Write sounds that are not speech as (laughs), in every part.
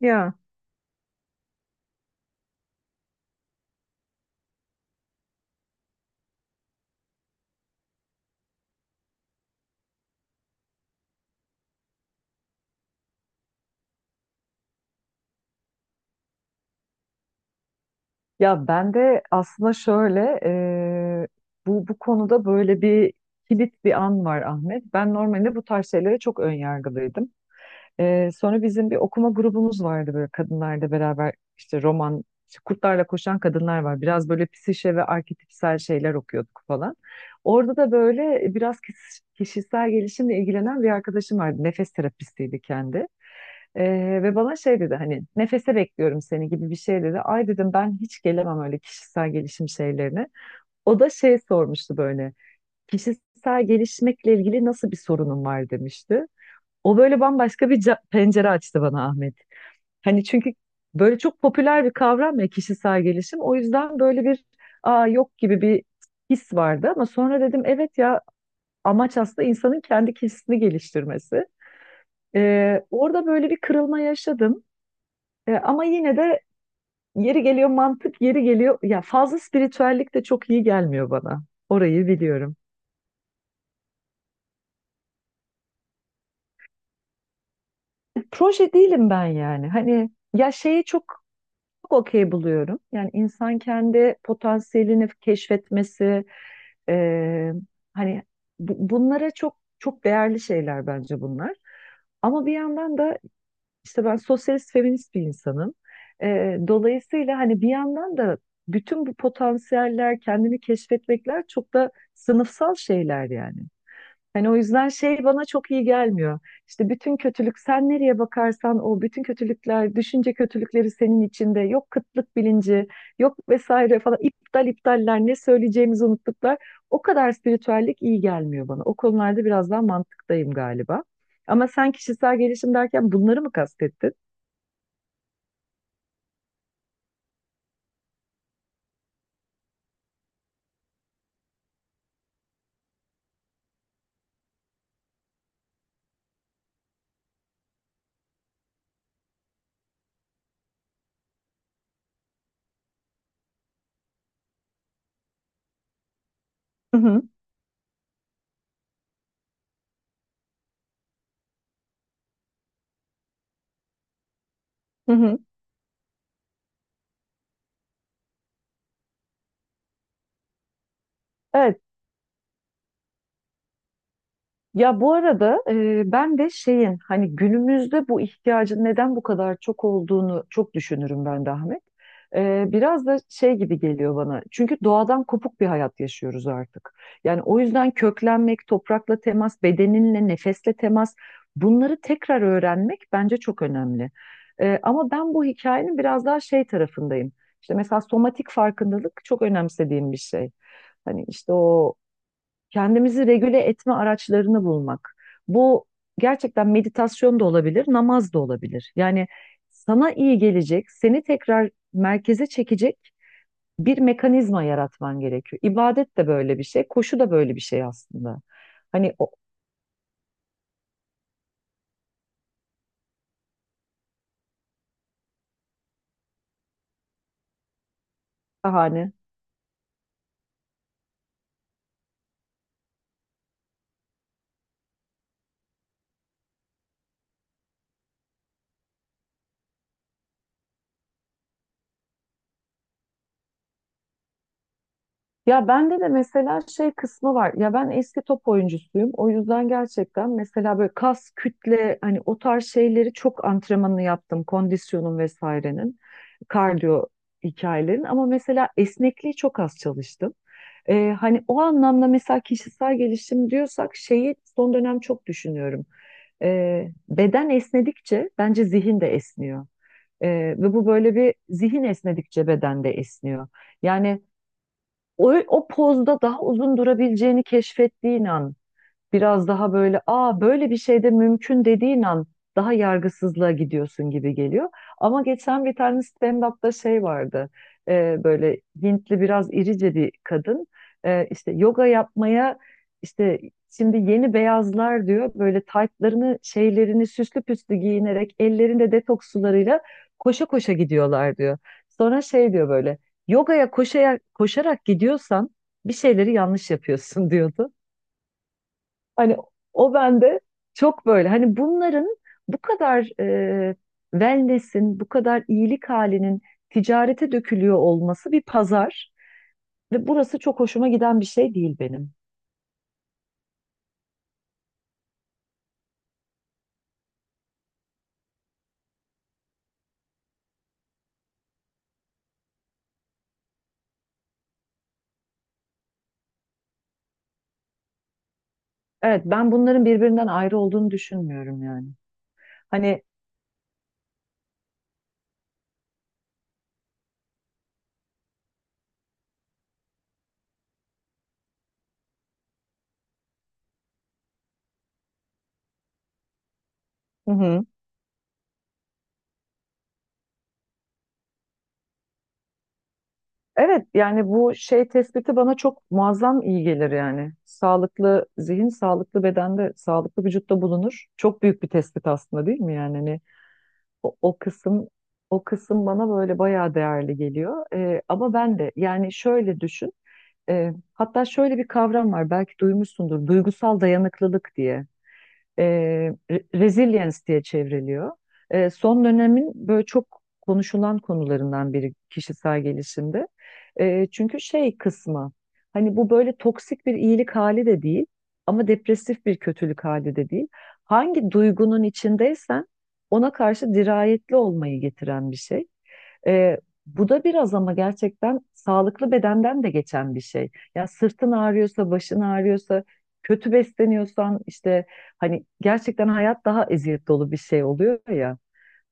Ya. Ya ben de aslında şöyle bu konuda böyle bir kilit bir an var Ahmet. Ben normalde bu tarz şeylere çok önyargılıydım. Sonra bizim bir okuma grubumuz vardı böyle kadınlarla beraber işte roman, işte kurtlarla koşan kadınlar var. Biraz böyle psişe ve arketipsel şeyler okuyorduk falan. Orada da böyle biraz kişisel gelişimle ilgilenen bir arkadaşım vardı. Nefes terapistiydi kendi. Ve bana şey dedi, hani nefese bekliyorum seni gibi bir şey dedi. Ay dedim, ben hiç gelemem öyle kişisel gelişim şeylerine. O da şey sormuştu, böyle kişisel gelişmekle ilgili nasıl bir sorunun var demişti. O böyle bambaşka bir pencere açtı bana Ahmet. Hani çünkü böyle çok popüler bir kavram ya kişisel gelişim. O yüzden böyle bir aa yok gibi bir his vardı, ama sonra dedim evet ya, amaç aslında insanın kendi kişisini geliştirmesi. Orada böyle bir kırılma yaşadım. Ama yine de yeri geliyor mantık, yeri geliyor ya, fazla spiritüellik de çok iyi gelmiyor bana. Orayı biliyorum. Proje değilim ben yani. Hani ya şeyi çok çok okey buluyorum. Yani insan kendi potansiyelini keşfetmesi, e, hani bunlara çok çok değerli şeyler bence bunlar. Ama bir yandan da işte ben sosyalist feminist bir insanım. Dolayısıyla hani bir yandan da bütün bu potansiyeller, kendini keşfetmekler çok da sınıfsal şeyler yani. Hani o yüzden şey bana çok iyi gelmiyor. İşte bütün kötülük, sen nereye bakarsan o, bütün kötülükler, düşünce kötülükleri senin içinde. Yok kıtlık bilinci, yok vesaire falan, iptal iptaller, ne söyleyeceğimizi unuttuklar. O kadar spiritüellik iyi gelmiyor bana. O konularda biraz daha mantıktayım galiba. Ama sen kişisel gelişim derken bunları mı kastettin? Hı hı. Hı hı. Evet. Ya bu arada ben de şeyin, hani günümüzde bu ihtiyacın neden bu kadar çok olduğunu çok düşünürüm ben de Ahmet. Biraz da şey gibi geliyor bana. Çünkü doğadan kopuk bir hayat yaşıyoruz artık. Yani o yüzden köklenmek, toprakla temas, bedeninle, nefesle temas, bunları tekrar öğrenmek bence çok önemli. Ama ben bu hikayenin biraz daha şey tarafındayım. İşte mesela somatik farkındalık çok önemsediğim bir şey. Hani işte o kendimizi regüle etme araçlarını bulmak. Bu gerçekten meditasyon da olabilir, namaz da olabilir. Yani sana iyi gelecek, seni tekrar merkeze çekecek bir mekanizma yaratman gerekiyor. İbadet de böyle bir şey, koşu da böyle bir şey aslında. Hani o bahane. Ya bende de mesela şey kısmı var. Ya ben eski top oyuncusuyum. O yüzden gerçekten mesela böyle kas, kütle, hani o tarz şeyleri çok antrenmanını yaptım. Kondisyonun vesairenin, kardiyo hikayelerin. Ama mesela esnekliği çok az çalıştım. Hani o anlamda mesela kişisel gelişim diyorsak şeyi son dönem çok düşünüyorum. Beden esnedikçe bence zihin de esniyor. Ee, Ve bu böyle bir, zihin esnedikçe beden de esniyor. Yani o, o pozda daha uzun durabileceğini keşfettiğin an, biraz daha böyle aa böyle bir şey de mümkün dediğin an, daha yargısızlığa gidiyorsun gibi geliyor. Ama geçen bir tane stand-up'ta şey vardı. Böyle Hintli biraz irice bir kadın. İşte yoga yapmaya, işte şimdi yeni beyazlar diyor, böyle taytlarını şeylerini süslü püslü giyinerek ellerinde detoks sularıyla koşa koşa gidiyorlar diyor. Sonra şey diyor böyle, yogaya koşarak, koşarak gidiyorsan bir şeyleri yanlış yapıyorsun (laughs) diyordu. Hani o bende çok böyle. Hani bunların bu kadar wellness'in, bu kadar iyilik halinin ticarete dökülüyor olması, bir pazar, ve burası çok hoşuma giden bir şey değil benim. Evet, ben bunların birbirinden ayrı olduğunu düşünmüyorum yani. Hani hı hı. Evet, yani bu şey tespiti bana çok muazzam iyi gelir yani. Sağlıklı zihin, sağlıklı bedende, sağlıklı vücutta bulunur. Çok büyük bir tespit aslında değil mi yani? Hani o, o kısım bana böyle bayağı değerli geliyor. Ama ben de yani şöyle düşün. Hatta şöyle bir kavram var belki duymuşsundur. Duygusal dayanıklılık diye, e, resilience diye çevriliyor. Son dönemin böyle çok konuşulan konularından biri kişisel gelişimde. Çünkü şey kısmı, hani bu böyle toksik bir iyilik hali de değil, ama depresif bir kötülük hali de değil. Hangi duygunun içindeysen ona karşı dirayetli olmayı getiren bir şey. Ee, Bu da biraz ama gerçekten sağlıklı bedenden de geçen bir şey. Ya sırtın ağrıyorsa, başın ağrıyorsa, kötü besleniyorsan, işte hani gerçekten hayat daha eziyet dolu bir şey oluyor ya.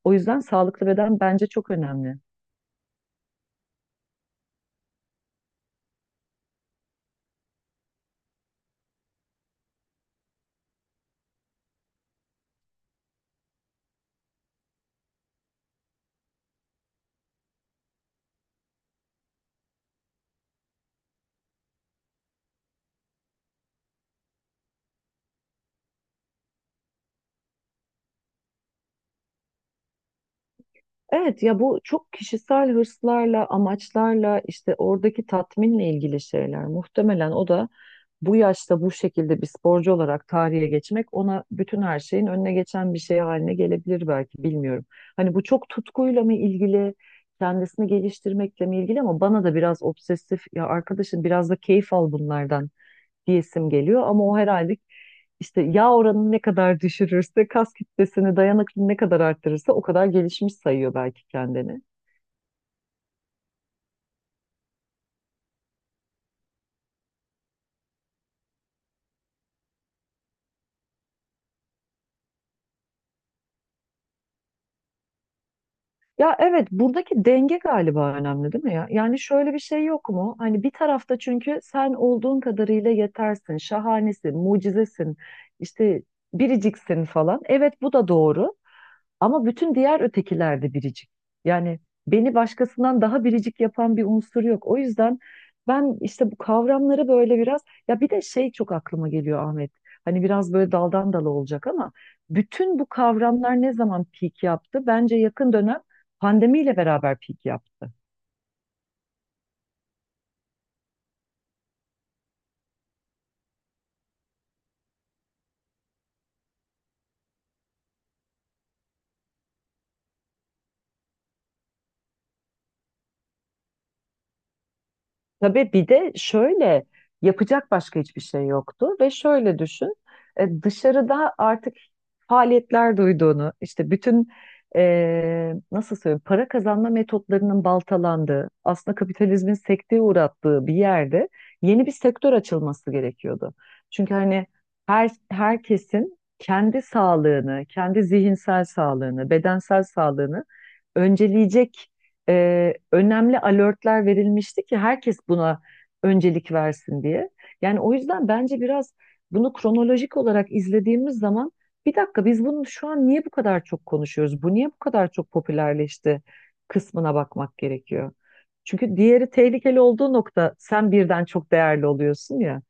O yüzden sağlıklı beden bence çok önemli. Evet ya, bu çok kişisel hırslarla, amaçlarla, işte oradaki tatminle ilgili şeyler. Muhtemelen o da bu yaşta bu şekilde bir sporcu olarak tarihe geçmek, ona bütün her şeyin önüne geçen bir şey haline gelebilir belki, bilmiyorum. Hani bu çok tutkuyla mı ilgili, kendisini geliştirmekle mi ilgili, ama bana da biraz obsesif, ya arkadaşım biraz da keyif al bunlardan diyesim geliyor, ama o herhalde işte yağ oranını ne kadar düşürürse, kas kütlesini, dayanıklılığını ne kadar arttırırsa o kadar gelişmiş sayıyor belki kendini. Ya evet, buradaki denge galiba önemli değil mi ya? Yani şöyle bir şey yok mu? Hani bir tarafta, çünkü sen olduğun kadarıyla yetersin, şahanesin, mucizesin, işte biriciksin falan. Evet, bu da doğru. Ama bütün diğer ötekiler de biricik. Yani beni başkasından daha biricik yapan bir unsur yok. O yüzden ben işte bu kavramları böyle biraz, ya bir de şey çok aklıma geliyor Ahmet. Hani biraz böyle daldan dala olacak ama, bütün bu kavramlar ne zaman peak yaptı? Bence yakın dönem, pandemiyle beraber peak yaptı. Tabii bir de şöyle, yapacak başka hiçbir şey yoktu ve şöyle düşün, dışarıda artık faaliyetler duyduğunu, işte bütün nasıl söyleyeyim, para kazanma metotlarının baltalandığı, aslında kapitalizmin sekteye uğrattığı bir yerde yeni bir sektör açılması gerekiyordu. Çünkü hani herkesin kendi sağlığını, kendi zihinsel sağlığını, bedensel sağlığını önceleyecek önemli alertler verilmişti ki herkes buna öncelik versin diye. Yani o yüzden bence biraz bunu kronolojik olarak izlediğimiz zaman, bir dakika, biz bunu şu an niye bu kadar çok konuşuyoruz? Bu niye bu kadar çok popülerleşti kısmına bakmak gerekiyor. Çünkü diğeri, tehlikeli olduğu nokta, sen birden çok değerli oluyorsun ya.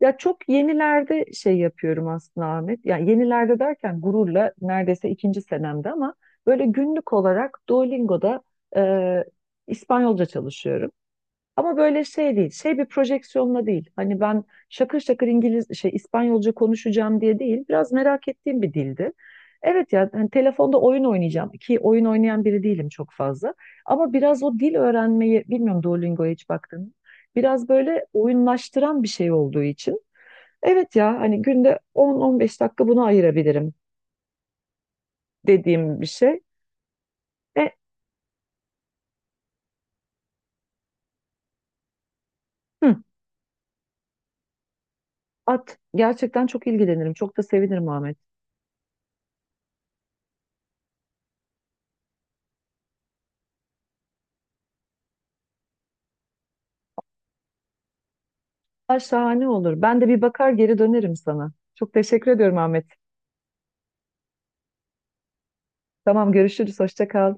Ya çok yenilerde şey yapıyorum aslında Ahmet. Yani yenilerde derken, gururla neredeyse ikinci senemde, ama böyle günlük olarak Duolingo'da e, İspanyolca çalışıyorum. Ama böyle şey değil, şey bir projeksiyonla değil. Hani ben şakır şakır İngiliz şey İspanyolca konuşacağım diye değil. Biraz merak ettiğim bir dildi. Evet ya, hani telefonda oyun oynayacağım, ki oyun oynayan biri değilim çok fazla. Ama biraz o dil öğrenmeyi, bilmiyorum Duolingo'ya hiç baktın mı? Biraz böyle oyunlaştıran bir şey olduğu için. Evet ya, hani günde 10-15 dakika buna ayırabilirim dediğim bir şey. E, hı, At. Gerçekten çok ilgilenirim. Çok da sevinirim Ahmet. Aa, şahane olur. Ben de bir bakar geri dönerim sana. Çok teşekkür ediyorum Ahmet. Tamam, görüşürüz. Hoşça kal.